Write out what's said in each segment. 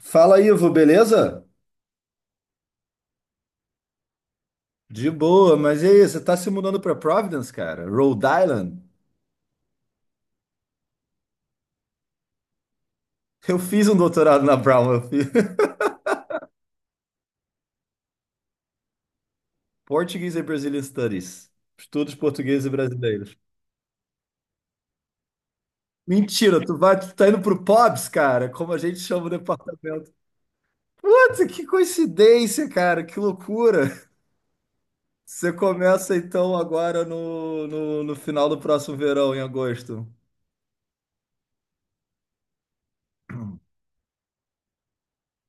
Fala, Ivo, beleza? De boa, mas e aí, você tá se mudando pra Providence, cara? Rhode Island? Eu fiz um doutorado na Brown, eu fiz Portuguese and Brazilian Studies. Estudos portugueses e brasileiros. Mentira, tu tá indo pro POBs, cara, como a gente chama o departamento. Puta, que coincidência, cara, que loucura. Você começa então agora no final do próximo verão, em agosto.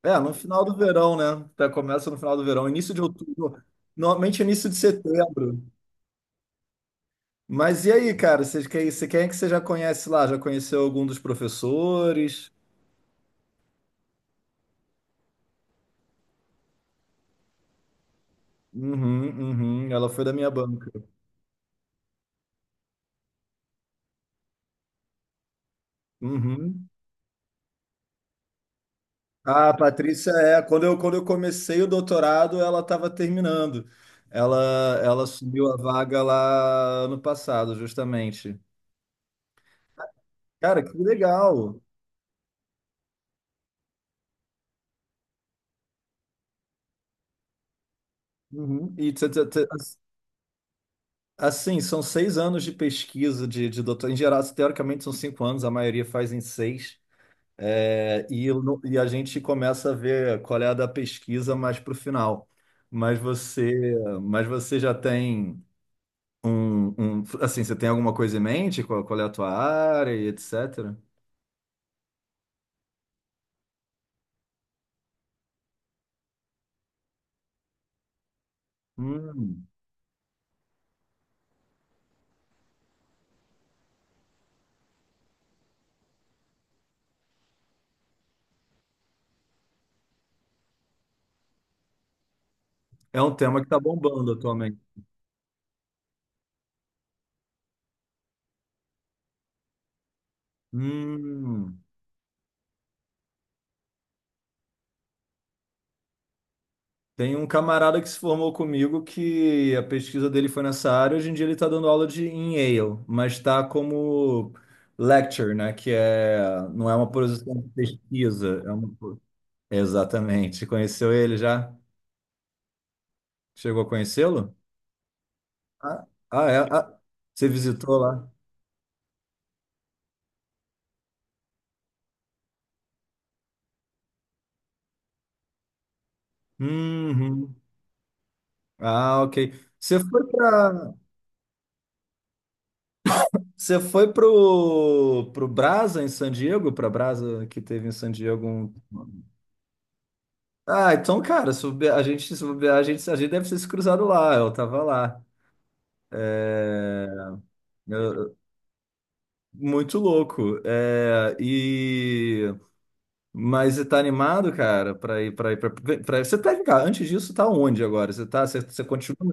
É, no final do verão, né? Tá, começa no final do verão, início de outubro, normalmente início de setembro. Mas e aí, cara? Quem é que você já conhece lá? Já conheceu algum dos professores? Uhum, uhum. Ela foi da minha banca. Uhum. Ah, a Patrícia é. Quando eu comecei o doutorado, ela estava terminando. Ela, ela assumiu a vaga lá no passado, justamente. Cara, que legal. Uhum. Assim, são 6 anos de pesquisa de doutor. Em geral, teoricamente são 5 anos, a maioria faz em seis. É, e, eu não- e a gente começa a ver qual é a da pesquisa mais para o final. Mas você, mas você já tem Assim, você tem alguma coisa em mente? Qual é a tua área e etc? Hum, É um tema que está bombando atualmente. Hum. Tem um camarada que se formou comigo que a pesquisa dele foi nessa área. Hoje em dia ele está dando aula de em Yale, mas está como lecture, né? Que é não é uma posição de pesquisa, é uma. Exatamente. Conheceu ele já? Chegou a conhecê-lo? Ah, ah, é. Ah, você visitou lá? Uhum. Ah, ok. Você foi para Você foi pro Brasa em San Diego, para Brasa que teve em San Diego. Ah, então, cara, se bobear, a gente, se bobear, a gente deve ter se cruzado lá, eu tava lá. É, eu- muito louco. É, e, mas você tá animado, cara, pra ir. Você tá, cara, antes disso, tá onde agora? Você continua.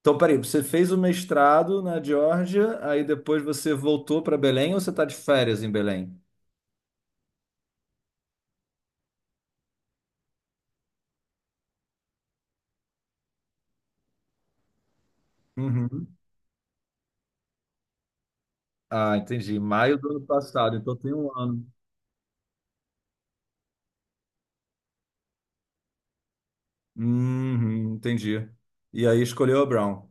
Então, peraí, você fez o mestrado na Geórgia, aí depois você voltou pra Belém ou você tá de férias em Belém? Uhum. Ah, entendi. Maio do ano passado, então tem um ano. Uhum, entendi. E aí escolheu a Brown.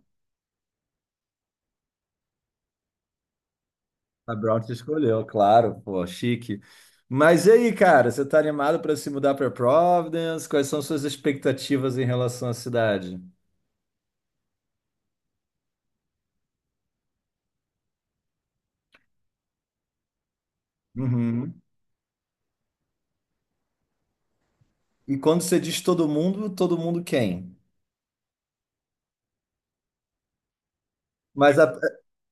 A Brown te escolheu, claro, pô, chique. Mas e aí, cara, você tá animado para se mudar para Providence? Quais são suas expectativas em relação à cidade? Uhum. E quando você diz todo mundo quem? Mas a-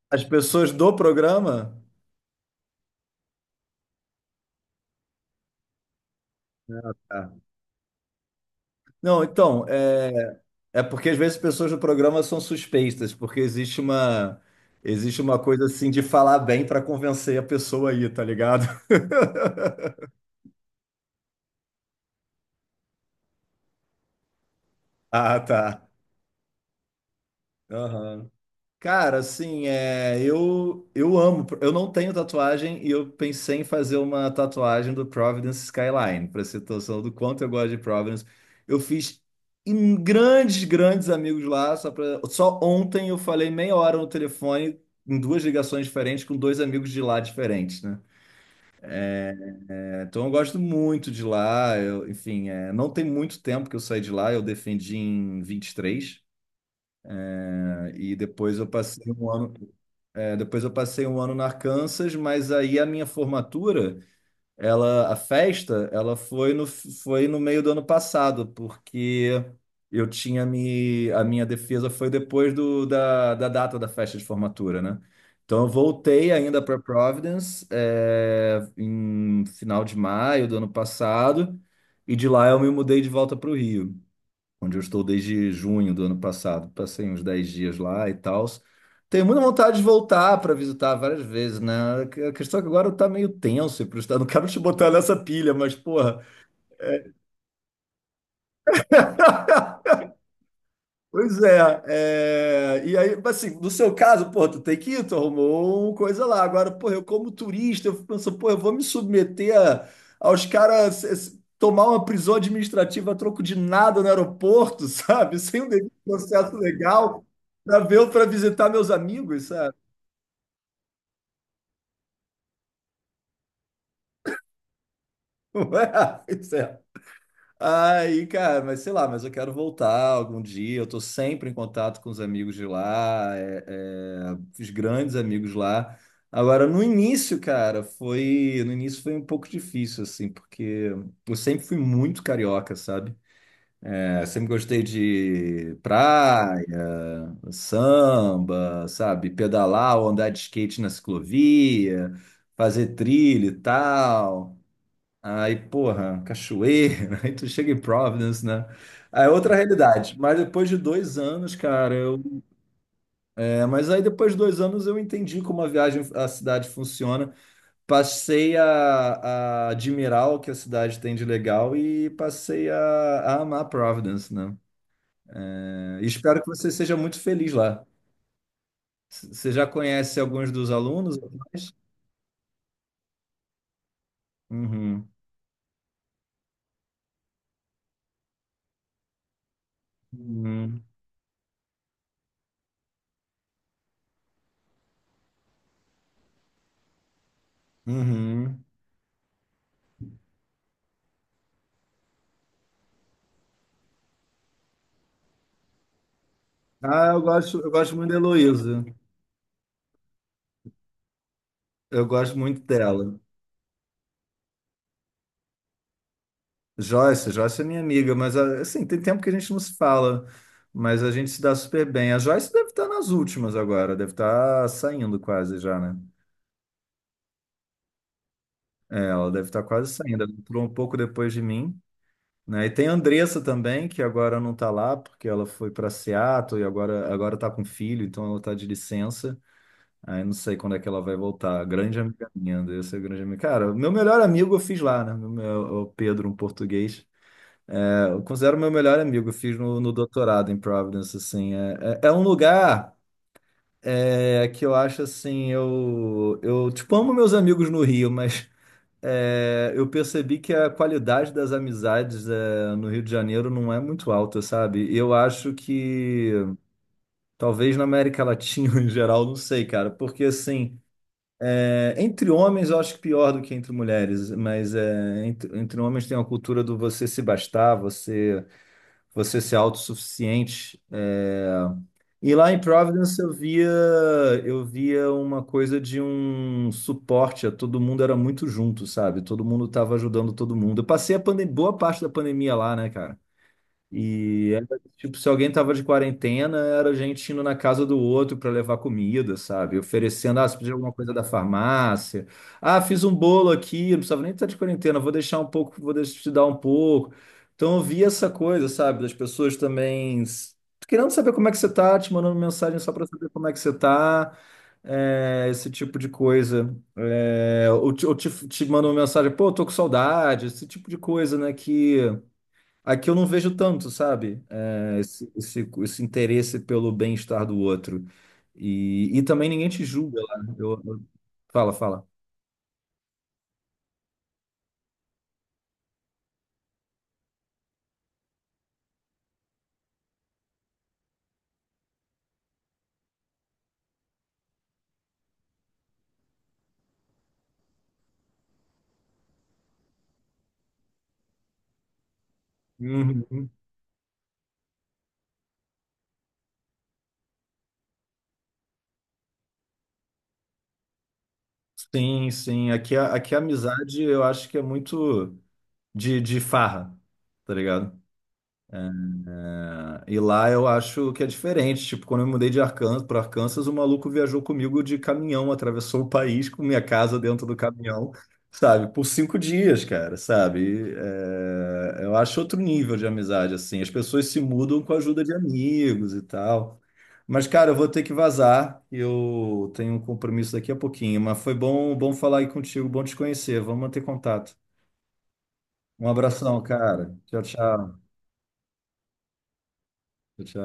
As pessoas do programa? Ah. Não, então, é, é porque às vezes pessoas do programa são suspeitas, porque existe uma coisa assim de falar bem para convencer a pessoa aí, tá ligado? Ah, tá. Cara, assim, é, eu amo. Eu não tenho tatuagem e eu pensei em fazer uma tatuagem do Providence Skyline, pra você ter noção do quanto eu gosto de Providence. Eu fiz em grandes, grandes amigos lá. Só, só ontem eu falei meia hora no telefone, em duas ligações diferentes, com dois amigos de lá diferentes, né? É, então eu gosto muito de lá. Enfim, não tem muito tempo que eu saí de lá, eu defendi em 23, né? E depois eu passei um ano. É, depois eu passei um ano no Arkansas, mas aí a minha formatura, ela, a festa, ela foi no meio do ano passado, porque a minha defesa foi depois da data da festa de formatura, né? Então eu voltei ainda para Providence, é, em final de maio do ano passado, e de lá eu me mudei de volta para o Rio onde eu estou desde junho do ano passado. Passei uns 10 dias lá e tal. Tenho muita vontade de voltar para visitar várias vezes, né? A questão é que agora eu tá meio tenso e pro estado. Não quero te botar nessa pilha, mas porra. Pois é, é, e aí, mas assim, no seu caso, pô, tu tem que ir, tu arrumou uma coisa lá. Agora, pô, eu como turista, eu penso, pô, eu vou me submeter aos caras tomar uma prisão administrativa a troco de nada no aeroporto, sabe? Sem um devido processo legal, para ver, para visitar meus amigos, sabe? Ué, isso é. Aí, cara, mas sei lá, mas eu quero voltar algum dia. Eu tô sempre em contato com os amigos de lá, os grandes amigos lá. Agora, no início, cara, foi, no início foi um pouco difícil, assim, porque eu sempre fui muito carioca, sabe? É, sempre gostei de praia, samba, sabe? Pedalar ou andar de skate na ciclovia, fazer trilha e tal. Aí, porra, cachoeira, aí tu chega em Providence, né? Aí é outra realidade. Mas depois de dois anos, cara, eu. Mas aí depois de 2 anos eu entendi como a viagem, a cidade funciona. Passei a admirar o que a cidade tem de legal e passei a amar Providence, né? É, e espero que você seja muito feliz lá. Você já conhece alguns dos alunos? Atuais? Uhum. Uhum. Uhum. Ah, eu gosto muito da Heloísa. Eu gosto muito dela. Joyce é minha amiga, mas assim, tem tempo que a gente não se fala, mas a gente se dá super bem. A Joyce deve estar nas últimas agora, deve estar saindo quase já, né? É, ela deve estar quase saindo, ela entrou um pouco depois de mim, né? E tem a Andressa também, que agora não está lá, porque ela foi para Seattle e agora tá com filho, então ela está de licença. Aí não sei quando é que ela vai voltar. Grande amiga minha, Andressa é grande amiga. Cara, meu melhor amigo eu fiz lá, né? O Pedro, um português. Eu considero meu melhor amigo, eu fiz no doutorado em Providence, assim, é, é, é um lugar, que eu acho, assim, eu tipo, amo meus amigos no Rio, mas é, eu percebi que a qualidade das amizades é, no Rio de Janeiro não é muito alta, sabe? E eu acho que, talvez na América Latina em geral, não sei, cara, porque, assim, é, entre homens eu acho que pior do que entre mulheres, mas é, entre homens tem uma cultura do você se bastar, você ser autossuficiente. É, e lá em Providence eu via uma coisa de um suporte, a todo mundo era muito junto, sabe? Todo mundo estava ajudando todo mundo. Eu passei boa parte da pandemia lá, né, cara? E era, tipo, se alguém tava de quarentena, era a gente indo na casa do outro para levar comida, sabe? Oferecendo, ah, você pediu alguma coisa da farmácia. Ah, fiz um bolo aqui, não precisava nem estar de quarentena, vou deixar um pouco, vou deixar te dar um pouco. Então eu vi essa coisa, sabe? Das pessoas também querendo saber como é que você tá, te mandando mensagem só para saber como é que você tá, é, esse tipo de coisa. É, ou te mandando mensagem, pô, tô com saudade, esse tipo de coisa, né? Que aqui eu não vejo tanto, sabe? É, esse interesse pelo bem-estar do outro. E também ninguém te julga lá. Fala, fala. Uhum. Sim, sim. Aqui a amizade eu acho que é muito de farra, tá ligado? É, e lá eu acho que é diferente. Tipo, quando eu me mudei de Arkansas para Arkansas, o maluco viajou comigo de caminhão, atravessou o país com minha casa dentro do caminhão, sabe? Por 5 dias, cara, sabe? É, eu acho outro nível de amizade, assim. As pessoas se mudam com a ajuda de amigos e tal. Mas, cara, eu vou ter que vazar. Eu tenho um compromisso daqui a pouquinho. Mas foi bom, bom falar aí contigo, bom te conhecer. Vamos manter contato. Um abração, cara. Tchau, tchau. Tchau, tchau.